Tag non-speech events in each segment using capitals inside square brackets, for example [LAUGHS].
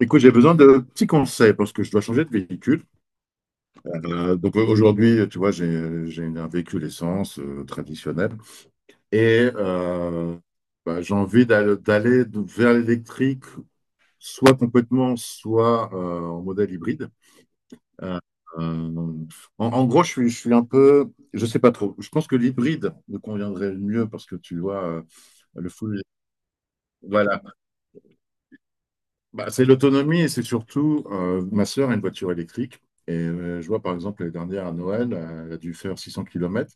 Écoute, j'ai besoin de petits conseils parce que je dois changer de véhicule. Donc aujourd'hui, tu vois, j'ai un véhicule essence traditionnel et bah, j'ai envie d'aller vers l'électrique, soit complètement, soit en modèle hybride. Euh, euh, en gros, je suis un peu, je sais pas trop. Je pense que l'hybride me conviendrait le mieux parce que tu vois, le full, voilà. Bah, c'est l'autonomie et c'est surtout, ma sœur a une voiture électrique. Et je vois par exemple l'année dernière à Noël, elle a dû faire 600 kilomètres.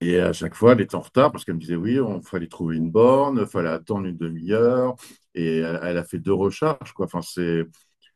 Et à chaque fois, elle était en retard parce qu'elle me disait, oui, on fallait trouver une borne, il fallait attendre une demi-heure. Et elle, elle a fait deux recharges, quoi. Enfin, c'est,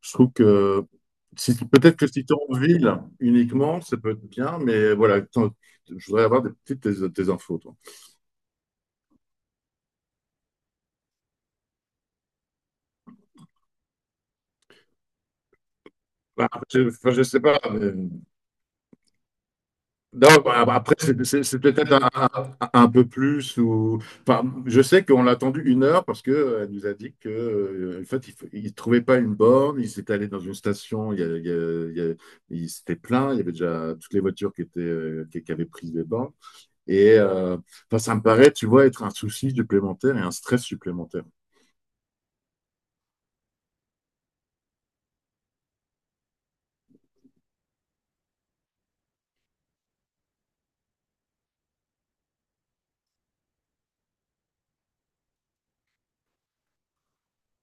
je trouve que si, peut-être que si tu es en ville uniquement, ça peut être bien. Mais voilà, je voudrais avoir des petites tes infos, toi. Bah, je, enfin, je sais pas. Mais non, bah, après, c'est peut-être un peu plus. Ou. Enfin, je sais qu'on l'a attendu une heure parce qu'elle nous a dit que, en fait, il ne trouvait pas une borne. Il s'est allé dans une station, il, y a- il, y a- il, y a- il s'était plaint. Il y avait déjà toutes les voitures qui, étaient, qui avaient pris des bornes. Et enfin, ça me paraît, tu vois, être un souci supplémentaire et un stress supplémentaire.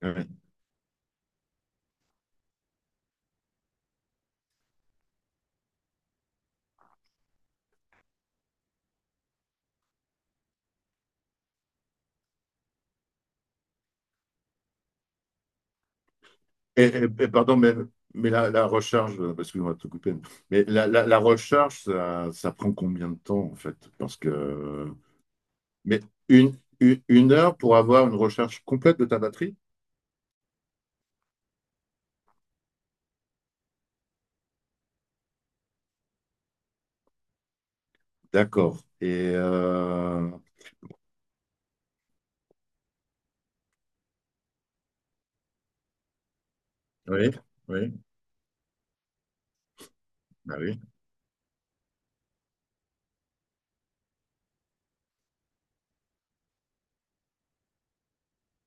Ouais. Et pardon, mais, la recharge, parce qu'on va tout couper, mais la recharge, ça prend combien de temps en fait? Parce que mais une heure pour avoir une recherche complète de ta batterie? D'accord. Et oui, oui, bah oui.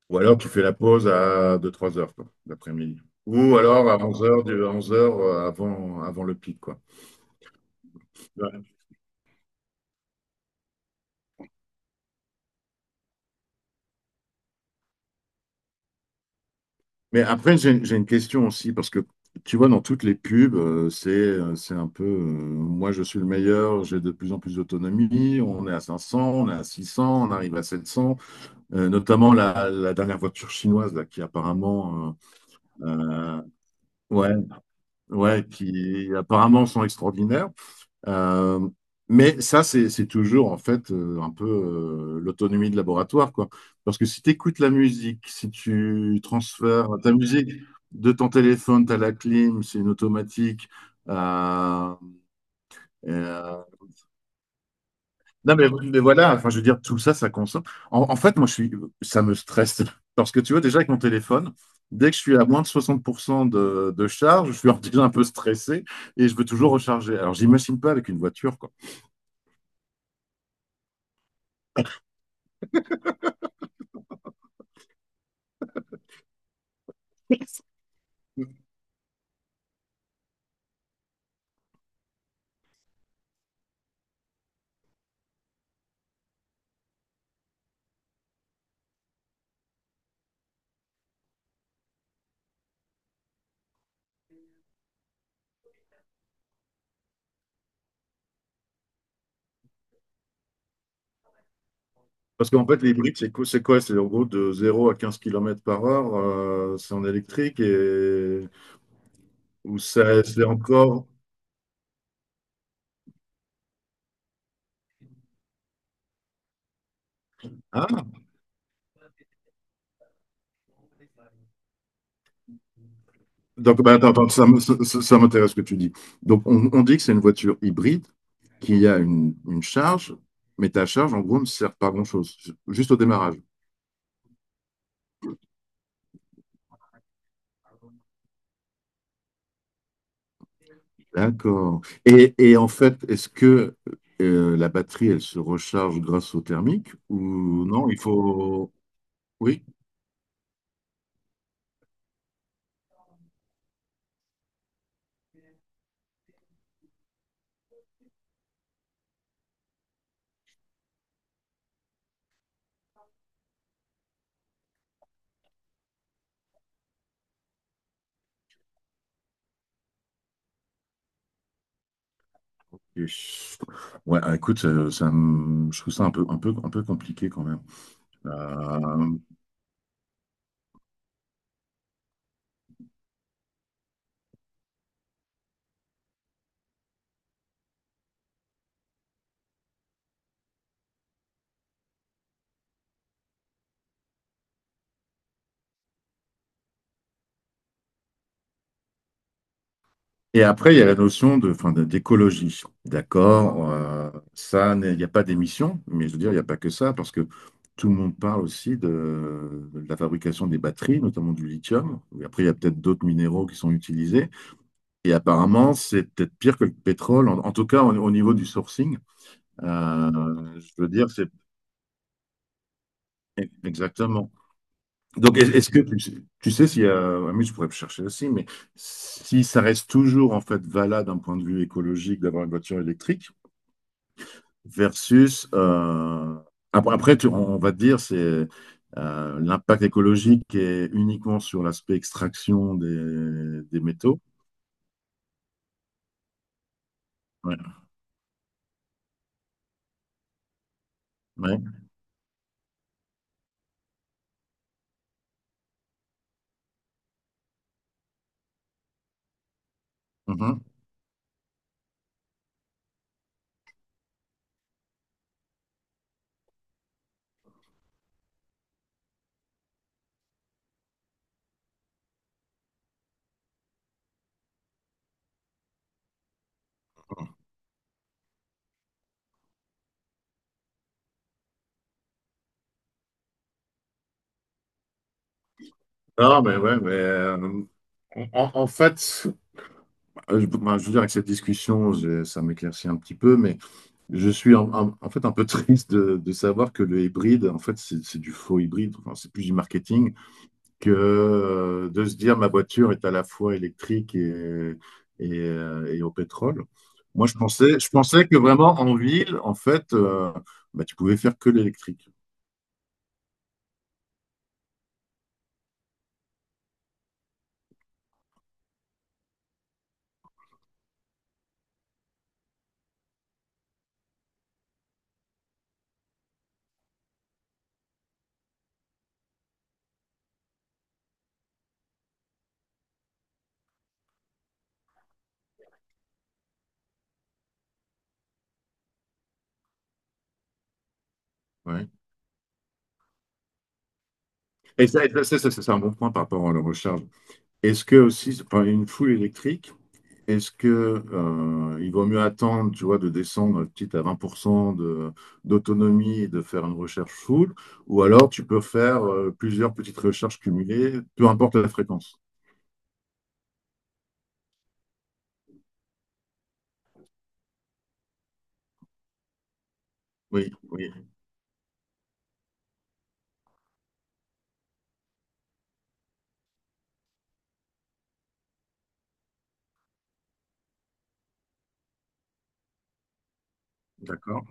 Ou alors tu fais la pause à deux trois heures, quoi, l'après-midi. Ou alors à 11 heures, 11 heures avant le pic, quoi. Ouais. Mais après, j'ai une question aussi, parce que tu vois, dans toutes les pubs, c'est un peu moi je suis le meilleur, j'ai de plus en plus d'autonomie, on est à 500, on est à 600, on arrive à 700. Notamment la dernière voiture chinoise là, qui apparemment euh, euh, ouais, ouais, qui apparemment sont extraordinaires. Euh, mais ça c'est toujours en fait un peu l'autonomie de laboratoire quoi, parce que si tu écoutes la musique, si tu transfères ta musique de ton téléphone à la clim c'est une automatique euh, et, non, mais voilà, enfin, je veux dire, tout ça, ça consomme. En fait, moi, je suis, ça me stresse. [LAUGHS] Parce que tu vois, déjà, avec mon téléphone, dès que je suis à moins de 60% de charge, je suis [LAUGHS] déjà un peu stressé et je veux toujours recharger. Alors, j'imagine pas avec une voiture, quoi. Parce qu'en fait, l'hybride, c'est quoi? C'est quoi? C'est en gros de zéro à 15 kilomètres par heure, c'est en électrique et, ou ça, c'est encore. Hein. Donc, bah, attends, ça, me- ça- ça- ça m'intéresse ce que tu dis. Donc, on dit que c'est une voiture hybride qui a une charge, mais ta charge, en gros, ne sert pas à grand-chose, juste au démarrage. D'accord. Et en fait, est-ce que la batterie, elle se recharge grâce au thermique ou non, il faut. Oui. Et- Ouais, écoute, je trouve ça un peu compliqué quand même. Euh, Et après, il y a la notion enfin, d'écologie. D'accord, ça, n'est- il n'y a pas d'émission, mais je veux dire, il n'y a pas que ça, parce que tout le monde parle aussi de la fabrication des batteries, notamment du lithium. Et après, il y a peut-être d'autres minéraux qui sont utilisés. Et apparemment, c'est peut-être pire que le pétrole, en tout cas au niveau du sourcing. Je veux dire, c'est exactement. Donc, est-ce que tu sais s'il y a, ah, mais je pourrais chercher aussi, mais si ça reste toujours en fait valable d'un point de vue écologique d'avoir une voiture électrique, versus après, on va te dire c'est l'impact écologique est uniquement sur l'aspect extraction des métaux. Ouais, ouais, mhm. Non, mais ouais, mais en fait, ben, je veux dire, avec cette discussion, ça m'éclaircit un petit peu, mais je suis en fait un peu [LAUGHS] triste de savoir que le hybride, en fait, c'est du faux hybride, enfin, c'est plus du marketing que de se dire ma voiture est à la fois électrique et au pétrole. Moi, je pensais que vraiment en ville, en fait, bah, tu pouvais faire que l'électrique. Ouais. Et ça, c'est un bon point par rapport à la recharge. Est-ce que aussi, enfin, une foule électrique, est-ce que il vaut mieux attendre, tu vois, de descendre petit à 20% d'autonomie et de faire une recherche full, ou alors tu peux faire plusieurs petites recherches cumulées, peu importe la fréquence. Oui, oui. D'accord.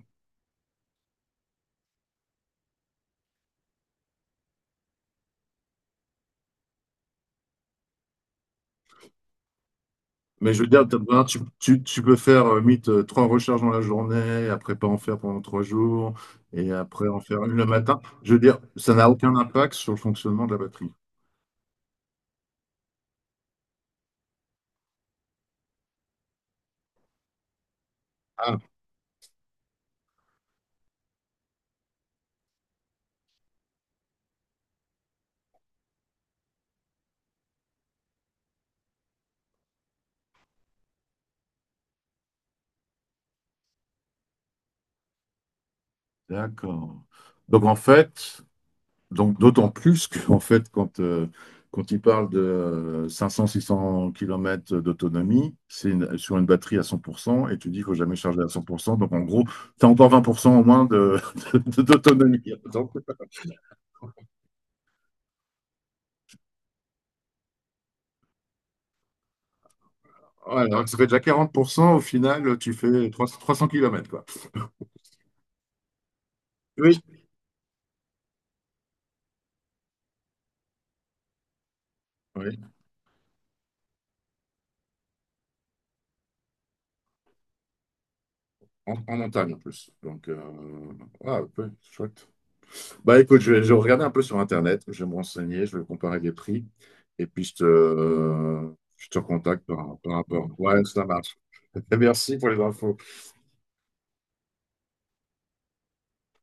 Mais je veux dire, t'as besoin- tu- tu peux faire limite trois recharges dans la journée, après pas en faire pendant trois jours, et après en faire une le matin. Je veux dire, ça n'a aucun impact sur le fonctionnement de la batterie. Ah, d'accord. Donc en fait, donc d'autant plus qu'en fait, quand il parle de 500-600 kilomètres d'autonomie, sur une batterie à 100%, et tu dis qu'il ne faut jamais charger à 100%. Donc en gros, tu as encore 20% au moins [LAUGHS] d'autonomie. Ouais, donc ça fait déjà 40%. Au final, tu fais trois cents kilomètres quoi. Oui. Oui, en montagne en plus. Donc, ah, un peu chouette. Bah écoute, je vais regarder un peu sur Internet, je vais me renseigner, je vais comparer les prix, et puis je te recontacte par rapport. Ouais, ça marche. [LAUGHS] Merci pour les infos.